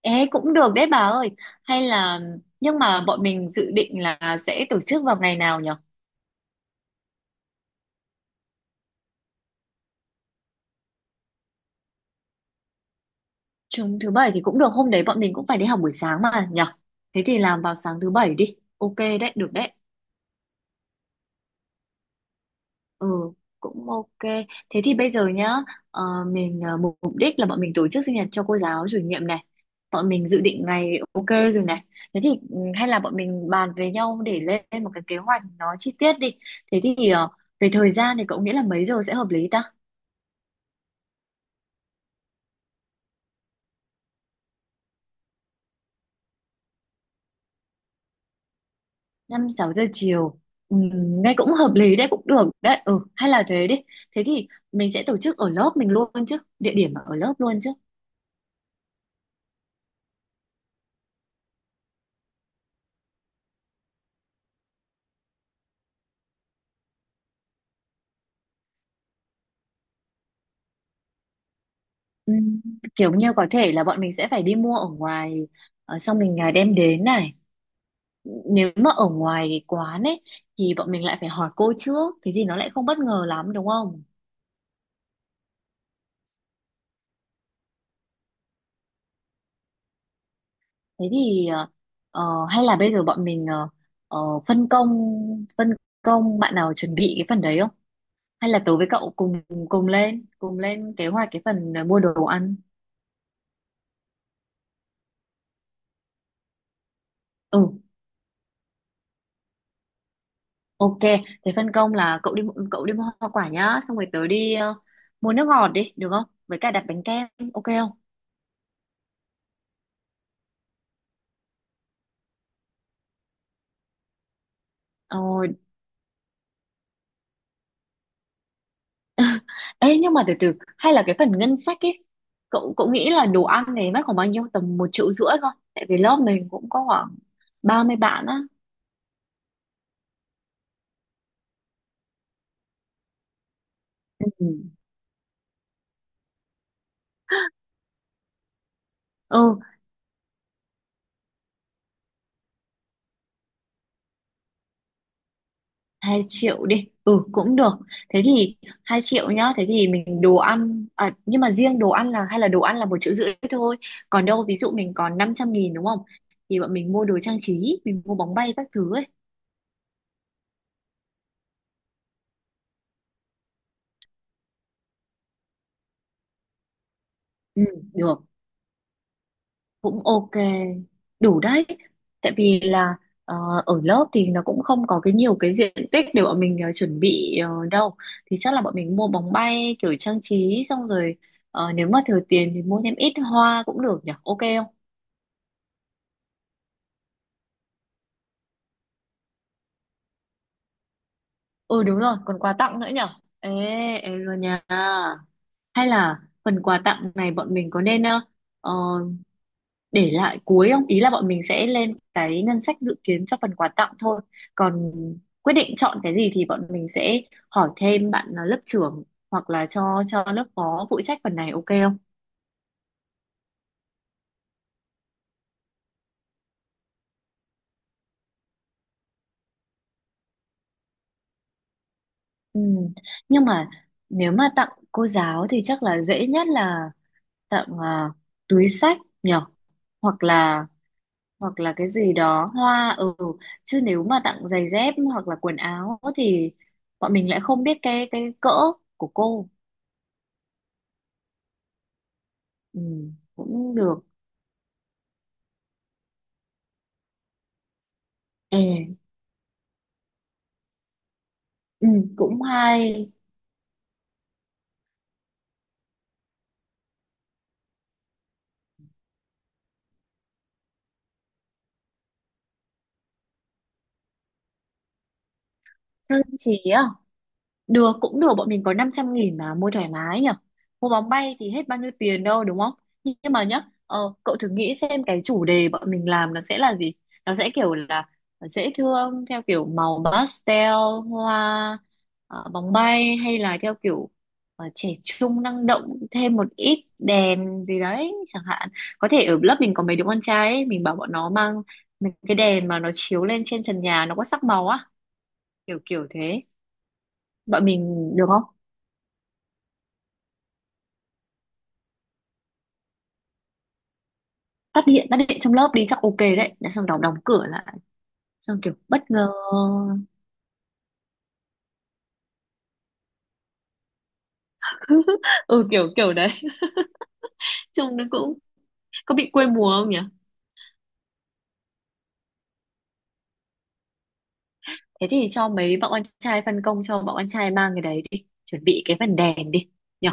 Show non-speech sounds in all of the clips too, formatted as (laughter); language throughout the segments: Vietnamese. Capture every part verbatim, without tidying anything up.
Ê, cũng được đấy bà ơi. Hay là nhưng mà bọn mình dự định là sẽ tổ chức vào ngày nào nhở? Chúng thứ bảy thì cũng được, hôm đấy bọn mình cũng phải đi học buổi sáng mà nhở? Thế thì làm vào sáng thứ bảy đi. Ok đấy, được đấy. Ừ, cũng ok. Thế thì bây giờ nhá, ờ, mình ờ, mục mục đích là bọn mình tổ chức sinh nhật cho cô giáo chủ nhiệm này. Bọn mình dự định ngày ok rồi này. Thế thì ừ, hay là bọn mình bàn với nhau để lên một cái kế hoạch nó chi tiết đi. Thế thì ờ, về thời gian thì cậu nghĩ là mấy giờ sẽ hợp lý ta? Năm sáu giờ chiều ừ, nghe cũng hợp lý đấy, cũng được đấy, ừ hay là thế đi. Thế thì mình sẽ tổ chức ở lớp mình luôn chứ, địa điểm ở lớp luôn chứ. Ừ, kiểu như có thể là bọn mình sẽ phải đi mua ở ngoài, ờ, xong mình à, đem đến này. Nếu mà ở ngoài quán ấy thì bọn mình lại phải hỏi cô trước, thế thì nó lại không bất ngờ lắm đúng không. Thế thì ờ, ờ, hay là bây giờ bọn mình ờ, ờ, phân công phân công bạn nào chuẩn bị cái phần đấy không, hay là tớ với cậu cùng cùng lên cùng lên kế hoạch cái phần ờ, mua đồ ăn. Ừ ok. Thế phân công là cậu đi mu- cậu đi mua hoa quả nhá, xong rồi tớ đi ờ, mua nước ngọt đi được không, với cả đặt bánh kem. Ok không? Rồi. Ê nhưng mà từ từ, hay là cái phần ngân sách ấy, cậu cậu nghĩ là đồ ăn này mất khoảng bao nhiêu, tầm một triệu rưỡi thôi tại vì lớp mình cũng có khoảng ba mươi bạn á. Ừ. Ừ, hai triệu đi, ừ cũng được. Thế thì hai triệu nhá. Thế thì mình đồ ăn à, nhưng mà riêng đồ ăn là, hay là đồ ăn là một triệu rưỡi thôi, còn đâu ví dụ mình còn năm trăm nghìn đúng không, thì bọn mình mua đồ trang trí, mình mua bóng bay các thứ ấy. Ừ, được, cũng ok. Đủ đấy. Tại vì là ờ, ở lớp thì nó cũng không có cái nhiều cái diện tích để bọn mình ờ, chuẩn bị ờ, đâu, thì chắc là bọn mình mua bóng bay kiểu trang trí, xong rồi ờ, nếu mà thừa tiền thì mua thêm ít hoa cũng được nhỉ. Ok. Ừ đúng rồi, còn quà tặng nữa nhở? Ê, ê rồi nha. Hay là phần quà tặng này bọn mình có nên ờ, ờ, để lại cuối không? Ý là bọn mình sẽ lên cái ngân sách dự kiến cho phần quà tặng thôi. Còn quyết định chọn cái gì thì bọn mình sẽ hỏi thêm bạn à, lớp trưởng hoặc là cho cho lớp phó phụ trách phần này, ok không? Ừ. Nhưng mà nếu mà tặng cô giáo thì chắc là dễ nhất là tặng à, túi sách nhở? Hoặc là, hoặc là cái gì đó hoa, ừ, chứ nếu mà tặng giày dép hoặc là quần áo thì bọn mình lại không biết cái cái cỡ của cô. Ừ, cũng được. Ê, ừ, cũng hay. Sơn trí à? Được, cũng được, bọn mình có năm trăm nghìn mà mua thoải mái nhỉ. Mua bóng bay thì hết bao nhiêu tiền đâu đúng không. Nhưng nhưng mà nhá, ờ, cậu thử nghĩ xem cái chủ đề bọn mình làm nó sẽ là gì. Nó sẽ kiểu là dễ thương theo kiểu màu pastel, hoa, ờ, bóng bay, hay là theo kiểu ờ, trẻ trung năng động, thêm một ít đèn gì đấy chẳng hạn. Có thể ở lớp mình có mấy đứa con trai ấy, mình bảo bọn nó mang mấy cái đèn mà nó chiếu lên trên trần nhà, nó có sắc màu á, kiểu kiểu thế. Bọn mình được không? Phát hiện, phát hiện trong lớp đi chắc ok đấy. Đã xong đóng đóng cửa lại, xong kiểu bất ngờ. (laughs) Ừ kiểu kiểu đấy. (laughs) Trông nó cũng có bị quê mùa không nhỉ. Thế thì cho mấy bọn anh trai, phân công cho bọn anh trai mang cái đấy đi, chuẩn bị cái phần đèn đi nhỉ.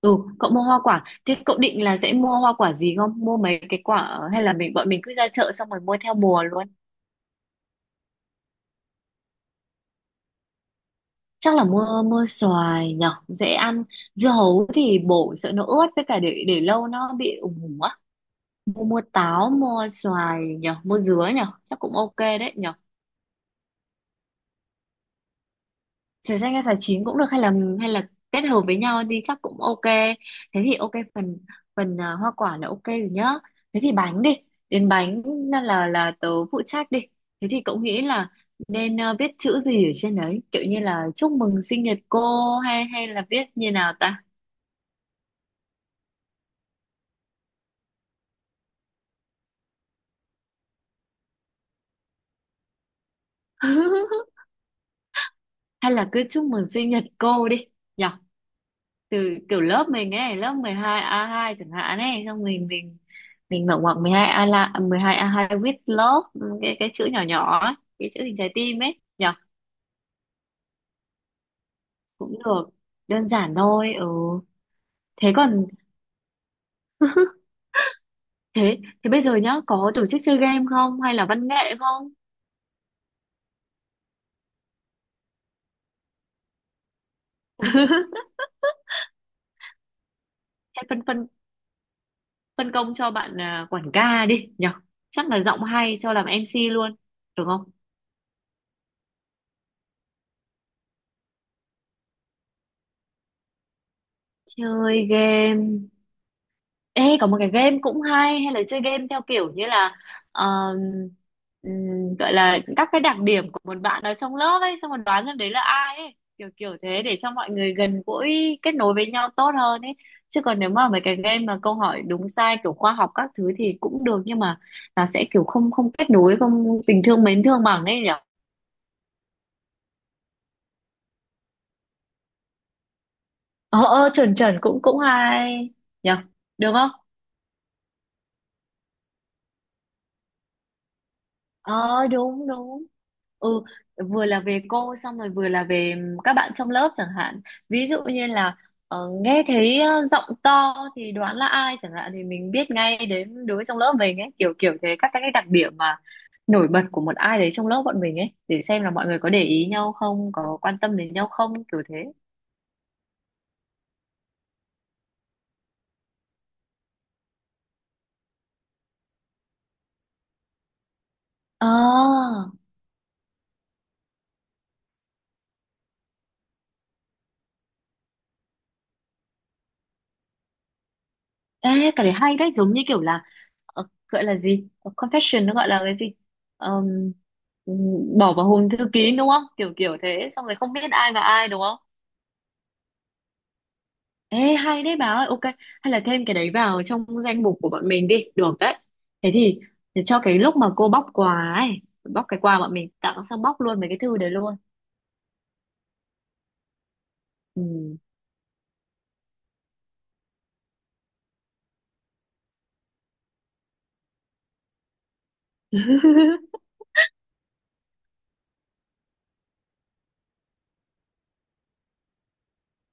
Ừ cậu mua hoa quả, thế cậu định là sẽ mua hoa quả gì, không mua mấy cái quả hay là mình, bọn mình cứ ra chợ xong rồi mua theo mùa luôn. Chắc là mua mua xoài nhỉ, dễ ăn. Dưa hấu thì bổ sợ nó ướt, với cả để để lâu nó bị ủng ủng. Mua, mua táo, mua xoài nhở, mua dứa nhở, chắc cũng ok đấy nhở. Xoài xanh hay xoài chín cũng được, hay là, hay là kết hợp với nhau đi chắc cũng ok. Thế thì ok phần, phần à, hoa quả là ok rồi nhá. Thế thì bánh đi, đến bánh là, là, là tớ phụ trách đi. Thế thì cậu nghĩ là nên à, viết chữ gì ở trên đấy, kiểu như là chúc mừng sinh nhật cô, hay hay là viết như nào ta. (laughs) Hay là cứ chúc mừng sinh nhật cô đi nhở. Từ kiểu lớp mình ấy, lớp mười hai A hai chẳng hạn ấy, xong mình mình mình mở ngoặc mười hai A là mười hai A hai with love, cái cái chữ nhỏ nhỏ ấy, cái chữ hình trái tim ấy nhở. Cũng được, đơn giản thôi ừ. Thế còn, thế, thế bây giờ nhá, có tổ chức chơi game không hay là văn nghệ không. Hay phân phân phân công cho bạn à, quản ca đi nhở, chắc là giọng hay cho làm em xê luôn, được không? Chơi game. Ê, có một cái game cũng hay, hay là chơi game theo kiểu như là um, ừm, gọi là các cái đặc điểm của một bạn ở trong lớp ấy, xong rồi đoán xem đấy là ai ấy, kiểu kiểu thế, để cho mọi người gần gũi kết nối với nhau tốt hơn ấy. Chứ còn nếu mà mấy cái game mà câu hỏi đúng sai kiểu khoa học các thứ thì cũng được, nhưng mà nó sẽ kiểu không, không kết nối, không tình thương mến thương bằng ấy nhỉ. Ờ ờ chuẩn chuẩn, cũng cũng hay nhỉ, được không? Ờ đúng đúng, ừ, vừa là về cô xong rồi vừa là về các bạn trong lớp chẳng hạn. Ví dụ như là ờ, nghe thấy ờ, giọng to thì đoán là ai chẳng hạn, thì mình biết ngay đến đứa trong lớp mình ấy, kiểu kiểu thế, các các cái đặc điểm mà nổi bật của một ai đấy trong lớp bọn mình ấy, để xem là mọi người có để ý nhau không, có quan tâm đến nhau không, kiểu thế. Ờ, ê cái đấy hay đấy, giống như kiểu là ờ, gọi là gì, ờ, confession nó gọi là cái gì. Ờm, ừm, Bỏ vào hòm thư kín đúng không, kiểu kiểu thế, xong rồi không biết ai và ai đúng không. Ê hay đấy bà ơi, ok, hay là thêm cái đấy vào trong danh mục của bọn mình đi, được đấy. Thế thì để cho cái lúc mà cô bóc quà ấy, bóc cái quà bọn mình tặng sang bóc luôn mấy cái thư đấy luôn. Ừ. (laughs)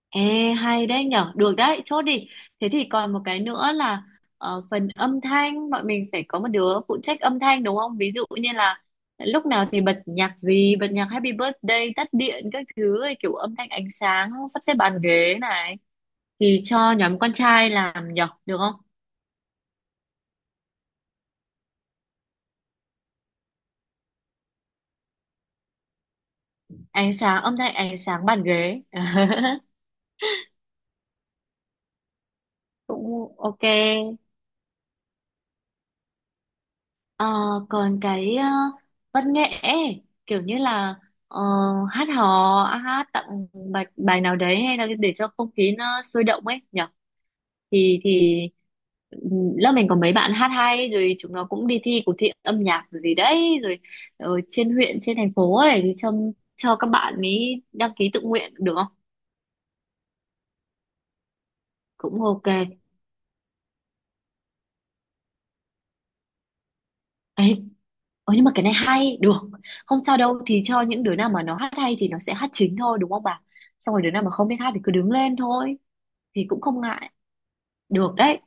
Ê, hay đấy nhở, được đấy, chốt đi. Thế thì còn một cái nữa là ờ, phần âm thanh, bọn mình phải có một đứa phụ trách âm thanh đúng không? Ví dụ như là lúc nào thì bật nhạc gì, bật nhạc Happy Birthday, tắt điện, các thứ, ấy, kiểu âm thanh ánh sáng, sắp xếp bàn ghế này. Thì cho nhóm con trai làm nhở, được không? Ánh sáng, âm thanh ánh sáng bàn ghế. (laughs) Cũng ok. Ờ, còn cái ờ, văn nghệ ấy, kiểu như là ờ, hát hò hát tặng bài bài nào đấy, hay là để cho không khí nó sôi động ấy nhở. thì thì ừm, lớp mình có mấy bạn hát hay rồi, chúng nó cũng đi thi cuộc thi âm nhạc rồi gì đấy rồi, ở trên huyện trên thành phố ấy, thì cho cho các bạn ấy đăng ký tự nguyện được không. Cũng ok ấy. Ờ nhưng mà cái này hay, được. Không sao đâu, thì cho những đứa nào mà nó hát hay thì nó sẽ hát chính thôi đúng không bà? Xong rồi đứa nào mà không biết hát thì cứ đứng lên thôi, thì cũng không ngại. Được đấy.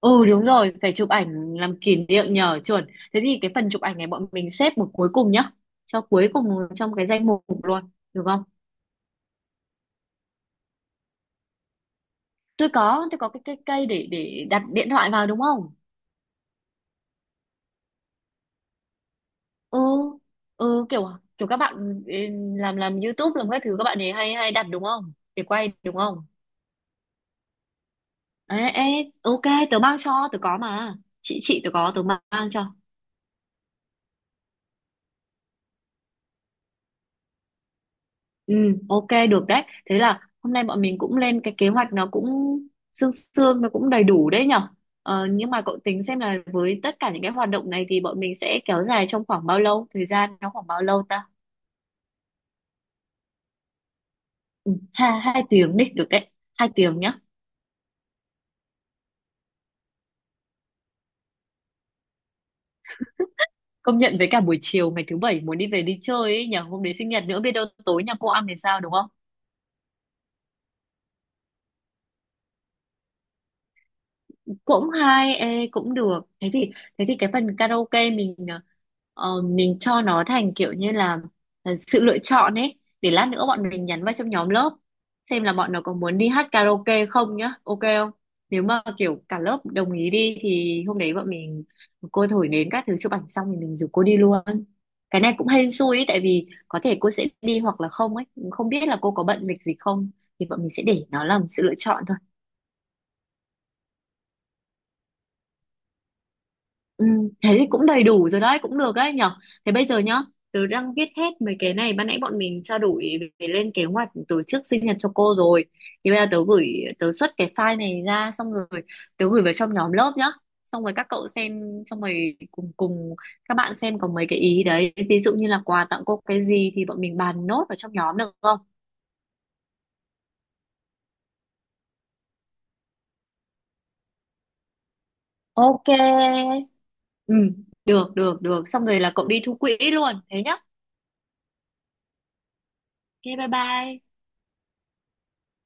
Ừ đúng rồi, phải chụp ảnh làm kỷ niệm nhờ chuẩn. Thế thì cái phần chụp ảnh này bọn mình xếp một cuối cùng nhá. Cho cuối cùng trong cái danh mục luôn, được không? Tôi có, tôi có cái cây cây để để đặt điện thoại vào đúng không? Ừ. Ừ kiểu kiểu các bạn ừ, làm làm YouTube làm các thứ, các bạn ấy hay hay đặt đúng không? Để quay đúng không? Ê, ê, ok, tớ mang cho, tớ có mà. Chị chị tớ có, tớ mang cho. Ừ, ok, được đấy. Thế là hôm nay bọn mình cũng lên cái kế hoạch nó cũng sương sương, nó cũng đầy đủ đấy nhở. Ờ, nhưng mà cậu tính xem là với tất cả những cái hoạt động này thì bọn mình sẽ kéo dài trong khoảng bao lâu? Thời gian nó khoảng bao lâu ta? Ừ, hai, hai tiếng đi, được đấy. Hai tiếng nhá. Công nhận với cả buổi chiều ngày thứ bảy muốn đi về đi chơi ấy nhở. Hôm đấy sinh nhật nữa biết đâu tối nhà cô ăn thì sao đúng không. Cũng hay ê, cũng được, thế thì, thế thì cái phần karaoke mình ờ, ờ, mình cho nó thành kiểu như là ờ, sự lựa chọn ấy, để lát nữa bọn mình nhắn vào trong nhóm lớp xem là bọn nó có muốn đi hát karaoke không nhá, ok không. Nếu mà kiểu cả lớp đồng ý đi thì hôm đấy bọn mình, cô thổi nến các thứ chụp ảnh xong thì mình rủ cô đi luôn. Cái này cũng hên xui ấy tại vì có thể cô sẽ đi hoặc là không ấy, không biết là cô có bận lịch gì không, thì bọn mình sẽ để nó làm sự lựa chọn thôi. Ừ, thế thì cũng đầy đủ rồi đấy, cũng được đấy nhở. Thế bây giờ nhá, tớ đang viết hết mấy cái này, ban nãy bọn mình trao đổi về lên kế hoạch tổ chức sinh nhật cho cô rồi. Thì bây giờ tớ gửi, tớ xuất cái file này ra, xong rồi tớ gửi vào trong nhóm lớp nhá. Xong rồi các cậu xem, xong rồi cùng cùng các bạn xem có mấy cái ý đấy. Ví dụ như là quà tặng cô cái gì thì bọn mình bàn nốt vào trong nhóm được không? Ok. Ừ, được, được, được. Xong rồi là cậu đi thu quỹ luôn, thế nhá. Ok, bye bye.